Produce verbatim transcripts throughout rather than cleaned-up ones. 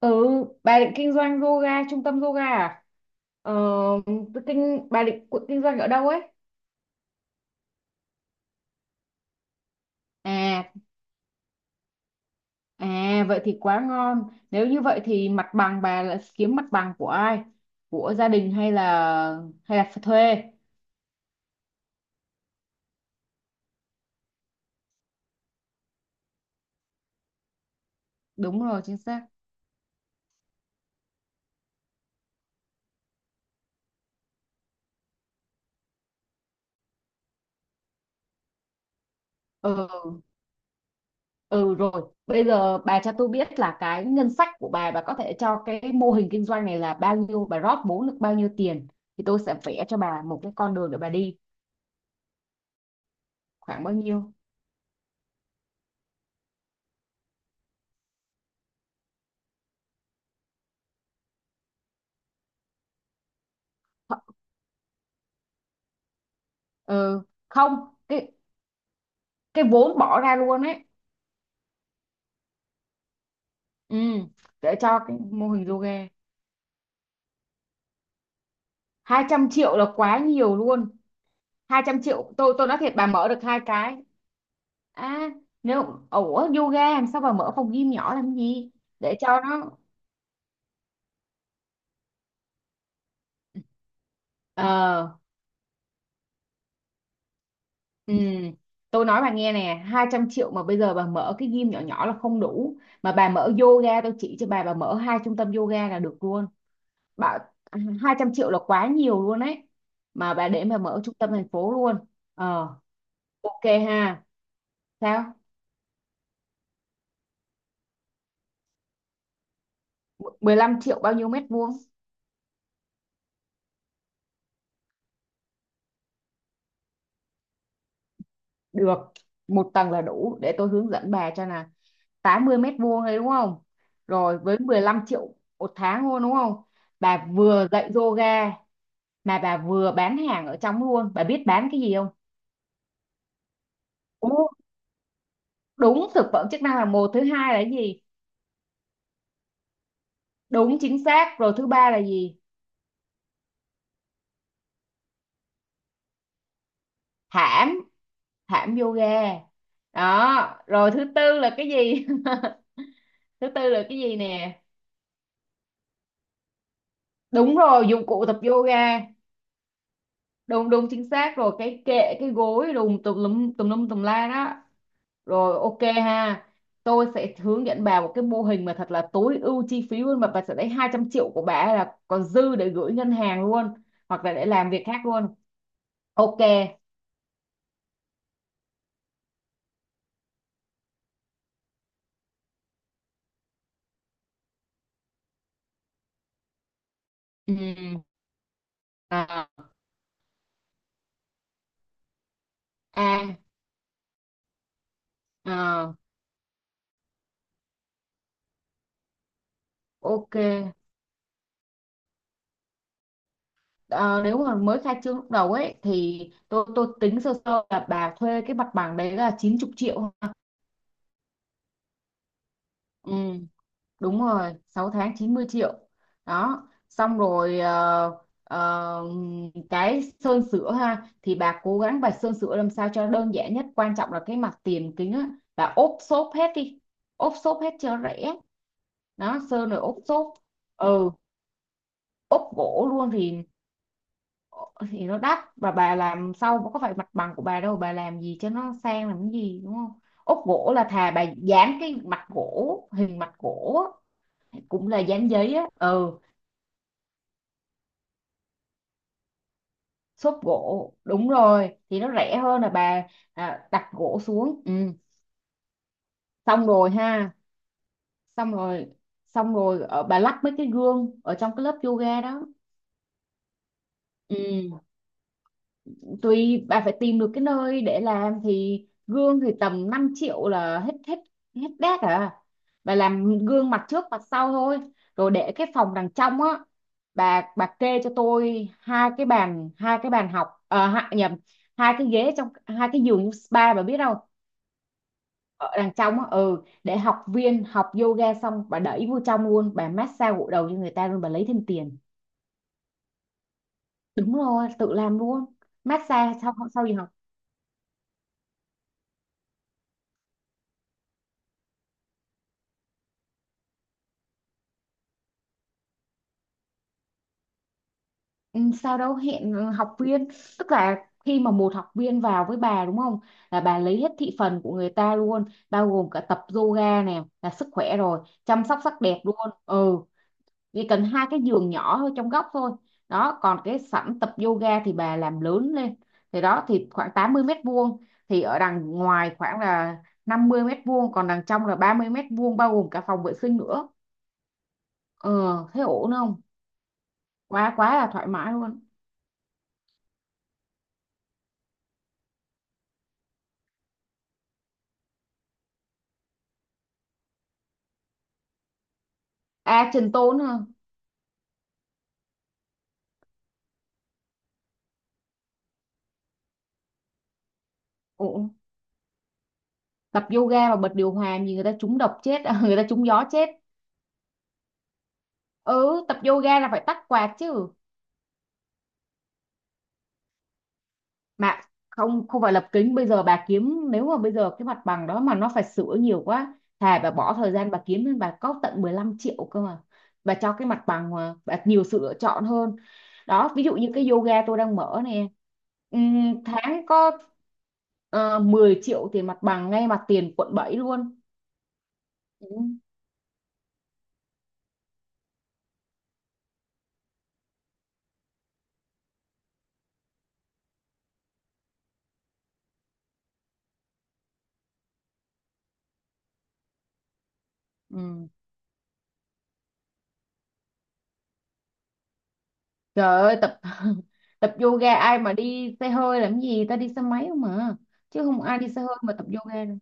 Ừ, bà định kinh doanh yoga, trung tâm yoga à? Ờ, tôi kinh, bà định cu- kinh doanh ở đâu ấy? À, à, vậy thì quá ngon. Nếu như vậy thì mặt bằng bà là kiếm mặt bằng của ai? Của gia đình hay là hay là thuê? Đúng rồi, chính xác. Ừ, ừ rồi. Bây giờ bà cho tôi biết là cái ngân sách của bà, bà có thể cho cái mô hình kinh doanh này là bao nhiêu, bà rót vốn được bao nhiêu tiền? Thì tôi sẽ vẽ cho bà một cái con đường để bà đi. Khoảng bao nhiêu? Ừ, không. cái cái vốn bỏ ra luôn ấy, ừ, để cho cái mô hình yoga. Hai trăm triệu là quá nhiều luôn. Hai trăm triệu tôi tôi nói thiệt bà mở được hai cái. À, nếu, ủa, yoga làm sao bà mở phòng gym nhỏ làm gì? Để cho nó ờ ừ, tôi nói bà nghe nè, hai trăm triệu mà bây giờ bà mở cái gym nhỏ nhỏ là không đủ, mà bà mở yoga tôi chỉ cho bà bà mở hai trung tâm yoga là được luôn. Bà, hai trăm triệu là quá nhiều luôn ấy, mà bà để mà mở trung tâm thành phố luôn. Ờ, ok ha, sao? Mười lăm triệu bao nhiêu mét vuông? Được, một tầng là đủ để tôi hướng dẫn bà cho nè. Tám mươi mét vuông đấy đúng không? Rồi với mười lăm triệu một tháng luôn đúng không? Bà vừa dạy yoga mà bà vừa bán hàng ở trong luôn. Bà biết bán cái gì không? Ồ, đúng, thực phẩm chức năng là một, thứ hai là cái gì? Đúng chính xác, rồi thứ ba là gì? Thảm, thảm yoga. Đó, rồi thứ tư là cái gì? Thứ tư là cái gì nè? Đúng rồi, dụng cụ tập yoga, đúng đúng chính xác rồi, cái kệ, cái gối đùm tùm lum tùm lum tùm la đó. Rồi ok ha, tôi sẽ hướng dẫn bà một cái mô hình mà thật là tối ưu chi phí luôn, mà bà sẽ lấy hai trăm triệu của bà ấy là còn dư để gửi ngân hàng luôn, hoặc là để làm việc khác luôn. Ok, ừ, à, à, à, ok. Ờ, nếu mà mới khai trương lúc đầu ấy thì tôi tôi tính sơ sơ là bà thuê cái mặt bằng đấy là chín mươi triệu. Ừ, đúng rồi, sáu tháng chín mươi triệu đó. Xong rồi ờ, ờ, cái sơn sửa ha, thì bà cố gắng bà sơn sửa làm sao cho đơn giản nhất, quan trọng là cái mặt tiền kính á, bà ốp xốp hết đi, ốp xốp hết cho rẻ. Đó, sơn rồi ốp xốp. Ừ, ốp gỗ luôn thì thì nó đắt, và bà làm sau có phải mặt bằng của bà đâu, bà làm gì cho nó sang làm cái gì, đúng không? Ốp gỗ là thà bà dán cái mặt gỗ, hình mặt gỗ á, cũng là dán giấy á. Ừ, xốp gỗ đúng rồi, thì nó rẻ hơn là bà à, đặt gỗ xuống. Ừ, xong rồi ha, xong rồi. Xong rồi ở, bà lắp mấy cái gương ở trong cái lớp yoga đó. Ừ, tùy bà phải tìm được cái nơi để làm, thì gương thì tầm năm triệu là hết hết hết đét à. Bà làm gương mặt trước mặt sau thôi, rồi để cái phòng đằng trong á. Bà bà kê cho tôi hai cái bàn, hai cái bàn học, à, nhầm, hai cái ghế, trong hai cái giường spa, bà biết không? Ở đằng trong á, ừ, để học viên học yoga xong bà đẩy vô trong luôn, bà massage gội đầu cho người ta luôn, bà lấy thêm tiền. Đúng rồi, tự làm luôn. Massage sau sau gì học, ừ, sau đó hẹn học viên. Tức là khi mà một học viên vào với bà đúng không, là bà lấy hết thị phần của người ta luôn, bao gồm cả tập yoga nè, là sức khỏe rồi chăm sóc sắc đẹp luôn. Ừ, chỉ cần hai cái giường nhỏ thôi, trong góc thôi. Đó, còn cái sảnh tập yoga thì bà làm lớn lên, thì đó thì khoảng tám mươi mét vuông thì ở đằng ngoài khoảng là năm mươi mét vuông, còn đằng trong là ba mươi mét vuông bao gồm cả phòng vệ sinh nữa. Ờ, thế ổn không? Quá quá là thoải mái luôn. À, trình tốn hả, ổn. Tập yoga mà bật điều hòa gì, người ta trúng độc chết người ta trúng gió chết. Ừ, tập yoga là phải tắt quạt chứ. Mà không không phải lập kính, bây giờ bà kiếm, nếu mà bây giờ cái mặt bằng đó mà nó phải sửa nhiều quá thà bà bỏ thời gian bà kiếm lên, bà có tận mười lăm triệu cơ mà, bà cho cái mặt bằng mà bà nhiều sự lựa chọn hơn. Đó, ví dụ như cái yoga tôi đang mở nè, ừm, tháng có ờ, mười triệu tiền mặt bằng ngay mặt tiền quận bảy luôn. Ừ. Ừ. Trời ơi tập tập yoga ai mà đi xe hơi làm gì ta, đi xe máy không mà. Chứ không ai đi xe hơi mà tập yoga đâu,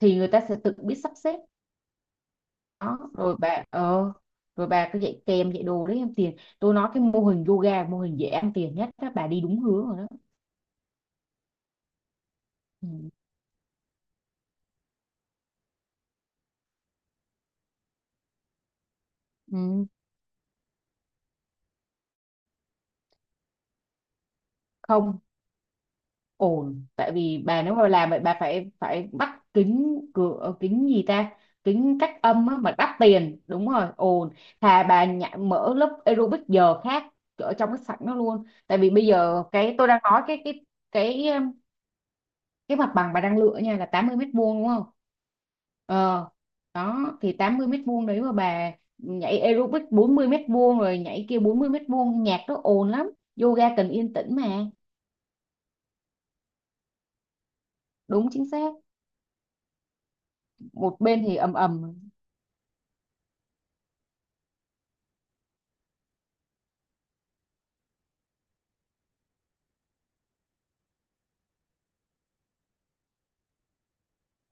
thì người ta sẽ tự biết sắp xếp. Đó rồi bà ờ rồi bà cứ dạy kèm dạy đồ đấy em tiền, tôi nói cái mô hình yoga mô hình dễ ăn tiền nhất đó, bà đi đúng hướng rồi đó. Ừ. Ừ. Không ổn, tại vì bà nếu mà làm vậy bà phải phải bắt kính cửa, ờ, kính gì ta, kính cách âm á, mà đắt tiền, đúng rồi, ồn. Thà bà nhả, mở lớp aerobic giờ khác ở trong cái sảnh nó luôn, tại vì bây giờ cái tôi đang nói cái cái cái cái mặt bằng bà đang lựa nha là tám mươi mét vuông đúng không? Ờ, đó thì tám mươi mét vuông đấy mà bà nhảy aerobic bốn mươi mét vuông, rồi nhảy kia bốn mươi mét vuông, nhạc nó ồn lắm, yoga cần yên tĩnh mà. Đúng chính xác. Một bên thì ầm ầm.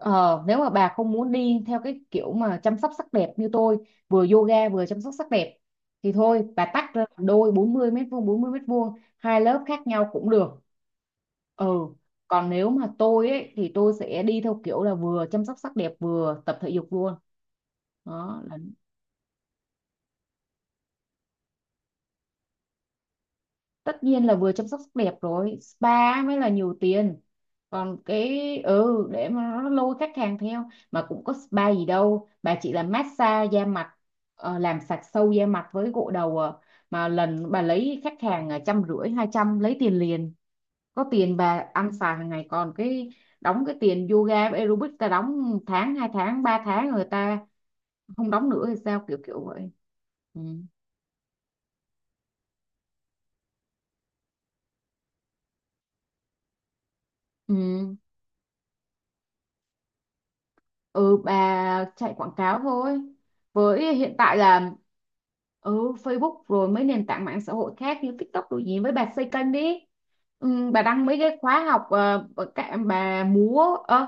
Ờ, nếu mà bà không muốn đi theo cái kiểu mà chăm sóc sắc đẹp như tôi, vừa yoga vừa chăm sóc sắc đẹp, thì thôi bà tách ra làm đôi, bốn mươi mét vuông bốn mươi mét vuông, hai lớp khác nhau cũng được. Ừ, còn nếu mà tôi ấy thì tôi sẽ đi theo kiểu là vừa chăm sóc sắc đẹp vừa tập thể dục luôn. Đó là, tất nhiên là vừa chăm sóc sắc đẹp rồi spa mới là nhiều tiền. Còn cái ừ, để mà nó lôi khách hàng theo, mà cũng có spa gì đâu, bà chỉ là massage da mặt, ờ, làm sạch sâu da mặt với gội đầu à. Mà lần bà lấy khách hàng à, trăm rưỡi hai trăm lấy tiền liền, có tiền bà ăn xài hàng ngày. Còn cái đóng cái tiền yoga với aerobic ta đóng một tháng hai tháng ba tháng, người ta không đóng nữa thì sao, kiểu kiểu vậy. Ừ. Ừ. Ừ, bà chạy quảng cáo thôi. Với hiện tại là, ừ, Facebook rồi mấy nền tảng mạng xã hội khác như TikTok đồ gì, với bà xây kênh đi. Ừ, bà đăng mấy cái khóa học, ờ, bà, cả- bà múa ơ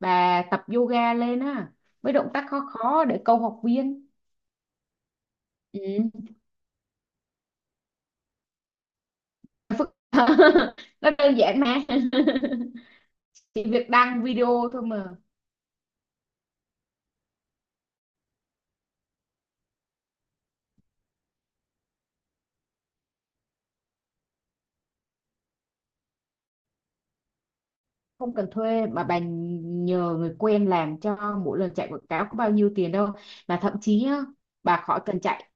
bà tập yoga lên á, mấy động tác khó khó để câu học viên. Ừ. Nó đơn giản mà. Chỉ việc đăng video thôi mà. Không cần thuê, mà bà nhờ người quen làm cho, mỗi lần chạy quảng cáo có bao nhiêu tiền đâu. Mà thậm chí nhá, bà khỏi cần chạy,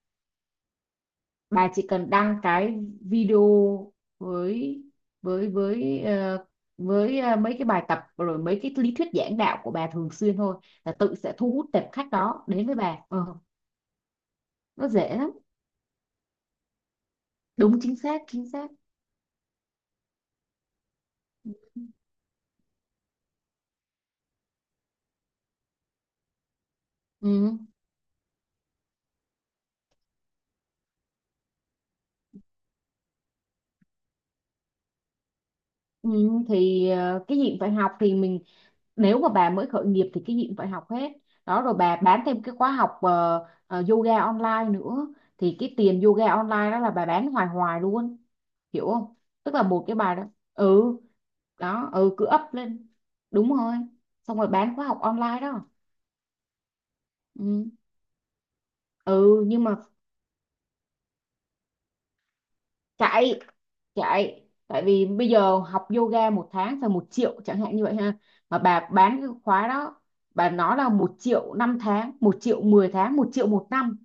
bà chỉ cần đăng cái video với với với ờ, với ờ, mấy cái bài tập rồi mấy cái lý thuyết giảng đạo của bà thường xuyên thôi, là tự sẽ thu hút tệp khách đó đến với bà. ờ, nó dễ lắm. Đúng chính xác chính xác. Ừ. Ừ, thì ờ, cái gì cũng phải học thì mình, nếu mà bà mới khởi nghiệp thì cái gì cũng phải học hết. Đó, rồi bà bán thêm cái khóa học ờ, ờ, yoga online nữa, thì cái tiền yoga online đó là bà bán hoài hoài luôn. Hiểu không? Tức là một cái bài đó, ừ, đó, ừ, cứ up lên. Đúng rồi, xong rồi bán khóa học online đó. Ừ, ừ nhưng mà, chạy, chạy tại vì bây giờ học yoga một tháng phải một triệu chẳng hạn như vậy ha, mà bà bán cái khóa đó bà nói là một triệu năm tháng, một triệu mười tháng, một triệu một năm,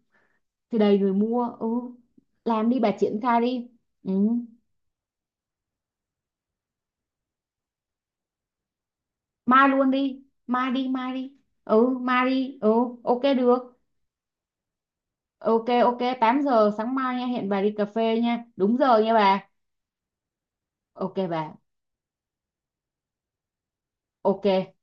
thì đầy người mua. Ừ, làm đi bà, triển khai đi. Ừ. Mai luôn đi, mai đi mai đi. Ừ mai đi ừ. Ok được. Ok ok, tám giờ sáng mai nha, hẹn bà đi cà phê nha, đúng giờ nha bà. Ok bà, ok.